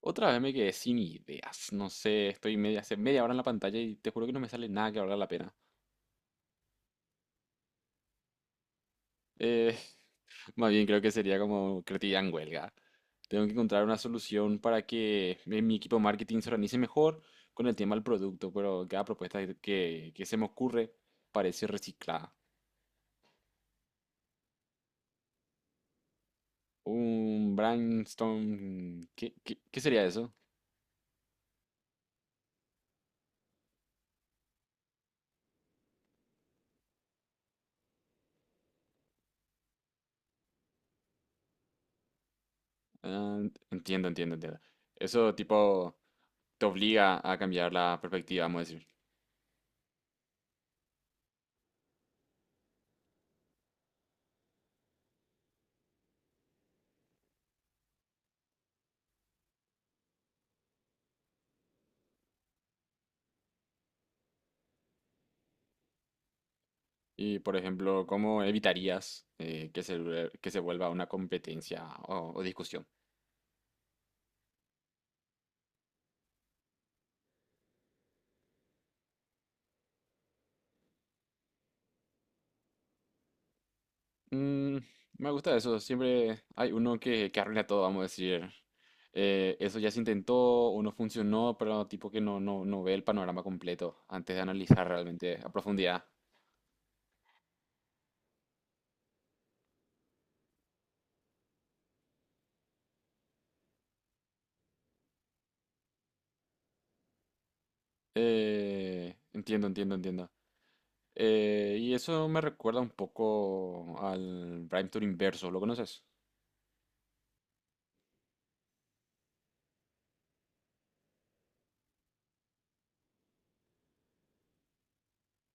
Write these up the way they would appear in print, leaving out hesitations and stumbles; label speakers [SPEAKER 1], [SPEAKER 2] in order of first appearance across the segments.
[SPEAKER 1] Otra vez me quedé sin ideas. No sé, estoy media, hace media hora en la pantalla y te juro que no me sale nada que valga la pena. Eh, más bien creo que sería como creatividad en huelga. Tengo que encontrar una solución para que mi equipo de marketing se organice mejor con el tema del producto, pero cada propuesta que se me ocurre parece reciclada. Un brainstorm... ¿Qué sería eso? Ah, entiendo, entiendo, entiendo. Eso tipo te obliga a cambiar la perspectiva, vamos a decir. Y, por ejemplo, ¿cómo evitarías que se, que se vuelva una competencia o discusión? Mm, me gusta eso. Siempre hay uno que arruina todo, vamos a decir. Eso ya se intentó o no funcionó, pero tipo que no ve el panorama completo antes de analizar realmente a profundidad. Entiendo, entiendo, entiendo. Y eso me recuerda un poco al Prime Tour Inverso, ¿lo conoces?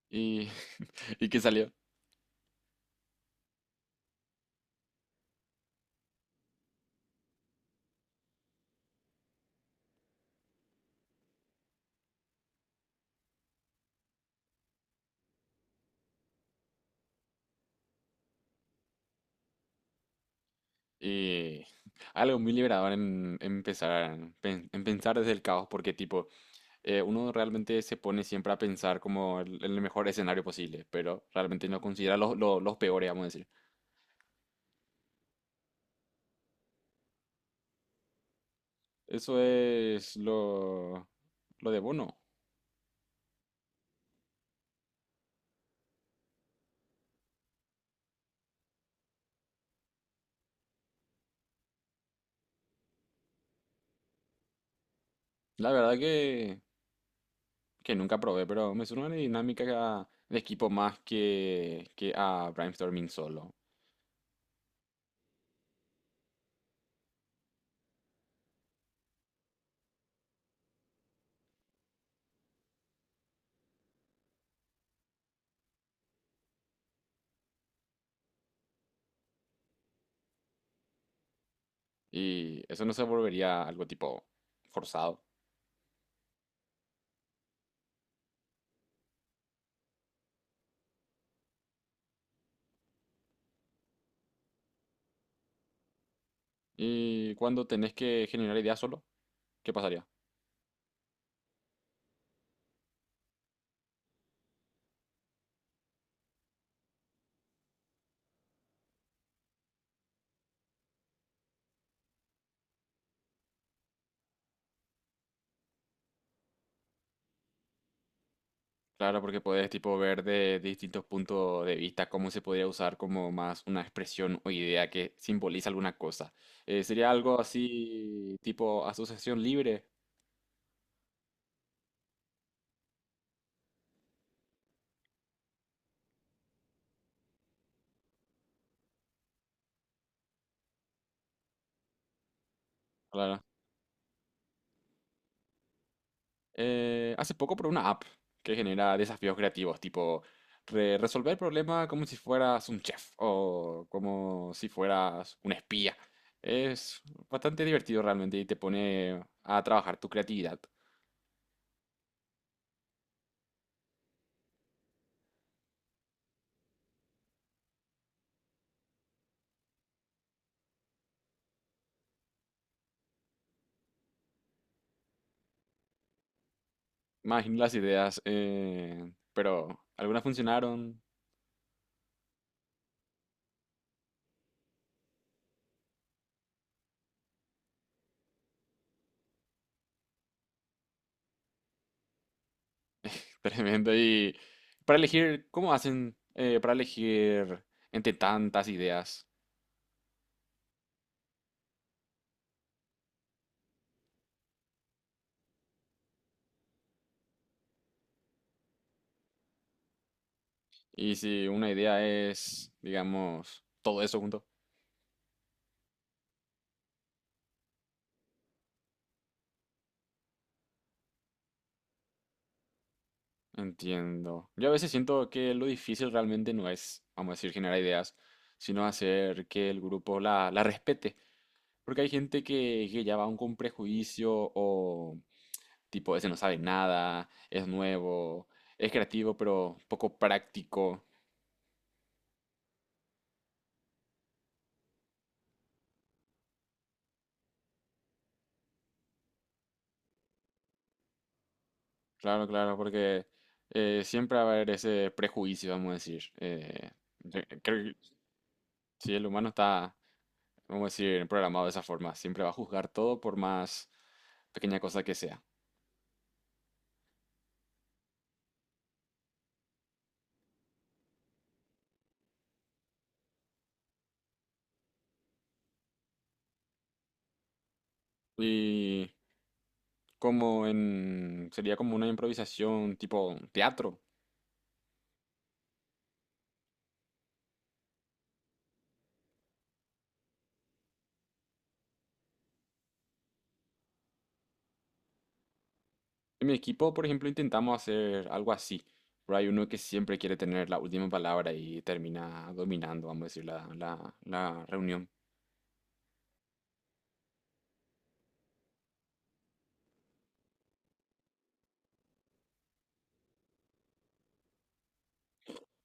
[SPEAKER 1] Y, y que salió. Y algo muy liberador en empezar, en pensar desde el caos, porque tipo, uno realmente se pone siempre a pensar como el mejor escenario posible, pero realmente no considera los peores, vamos a decir. Eso es lo de Bono. La verdad que nunca probé, pero me suena una dinámica de equipo más que a brainstorming solo. Y eso no se volvería algo tipo forzado. Y cuando tenés que generar ideas solo, ¿qué pasaría? Claro, porque puedes tipo ver de distintos puntos de vista cómo se podría usar como más una expresión o idea que simboliza alguna cosa. Sería algo así tipo asociación libre. Claro. Hace poco probé una app que genera desafíos creativos, tipo resolver el problema como si fueras un chef o como si fueras un espía. Es bastante divertido realmente y te pone a trabajar tu creatividad. Imagino las ideas, pero algunas funcionaron, tremendo. Y para elegir, ¿cómo hacen para elegir entre tantas ideas? Y si una idea es, digamos, todo eso junto. Entiendo. Yo a veces siento que lo difícil realmente no es, vamos a decir, generar ideas, sino hacer que el grupo la respete. Porque hay gente que ya va aún con prejuicio o tipo, ese no sabe nada, es nuevo, es creativo, pero poco práctico. Claro, claro, porque siempre va a haber ese prejuicio, vamos a decir. Yo creo que si el humano está, vamos a decir, programado de esa forma, siempre va a juzgar todo por más pequeña cosa que sea. Y como en, sería como una improvisación tipo teatro. En mi equipo, por ejemplo, intentamos hacer algo así. Pero hay uno que siempre quiere tener la última palabra y termina dominando, vamos a decir, la reunión.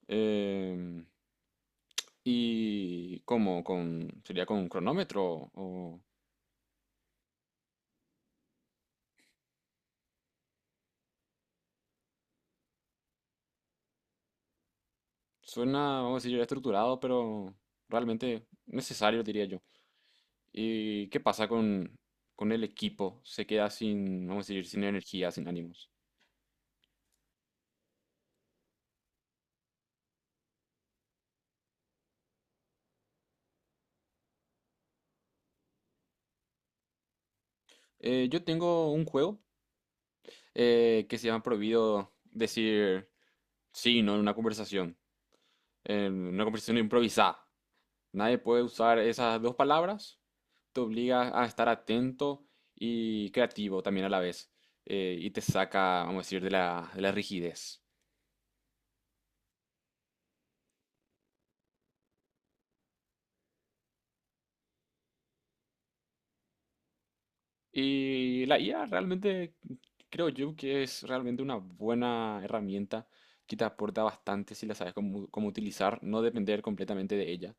[SPEAKER 1] Em, ¿Y cómo? Con, ¿sería con un cronómetro? O, suena, vamos a decir, estructurado, pero realmente necesario, diría yo. ¿Y qué pasa con el equipo? Se queda sin, vamos a decir, sin energía, sin ánimos. Yo tengo un juego que se llama prohibido decir sí, no en una conversación, en una conversación improvisada. Nadie puede usar esas dos palabras, te obliga a estar atento y creativo también a la vez, y te saca, vamos a decir, de de la rigidez. Y la IA realmente creo yo que es realmente una buena herramienta que te aporta bastante si la sabes cómo, cómo utilizar, no depender completamente de ella.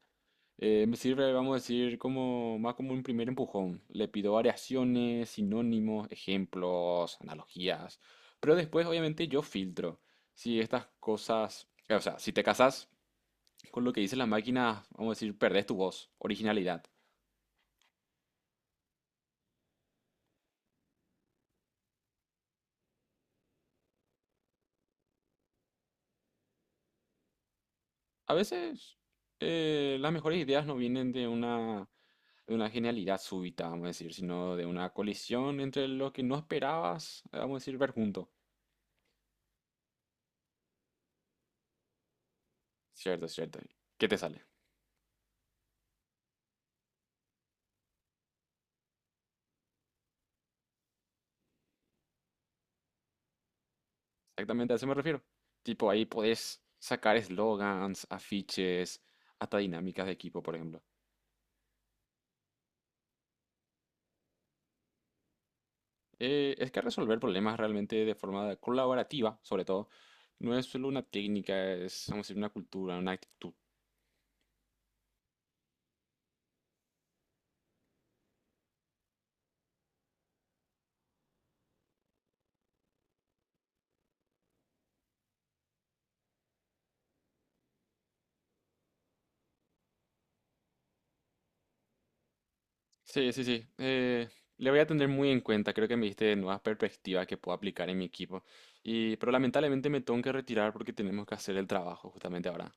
[SPEAKER 1] Me sirve, vamos a decir, como más como un primer empujón. Le pido variaciones, sinónimos, ejemplos, analogías. Pero después, obviamente, yo filtro. Si estas cosas, o sea, si te casas con lo que dice la máquina, vamos a decir, perdés tu voz, originalidad. A veces, las mejores ideas no vienen de una genialidad súbita, vamos a decir, sino de una colisión entre lo que no esperabas, vamos a decir, ver junto. Cierto, cierto. ¿Qué te sale? Exactamente a eso me refiero. Tipo, ahí podés sacar eslogans, afiches, hasta dinámicas de equipo, por ejemplo. Es que resolver problemas realmente de forma colaborativa, sobre todo, no es solo una técnica, es, vamos a decir, una cultura, una actitud. Sí, sí, sí. Le voy a tener muy en cuenta. Creo que me diste nuevas perspectivas que puedo aplicar en mi equipo. Y, pero lamentablemente me tengo que retirar porque tenemos que hacer el trabajo justamente ahora.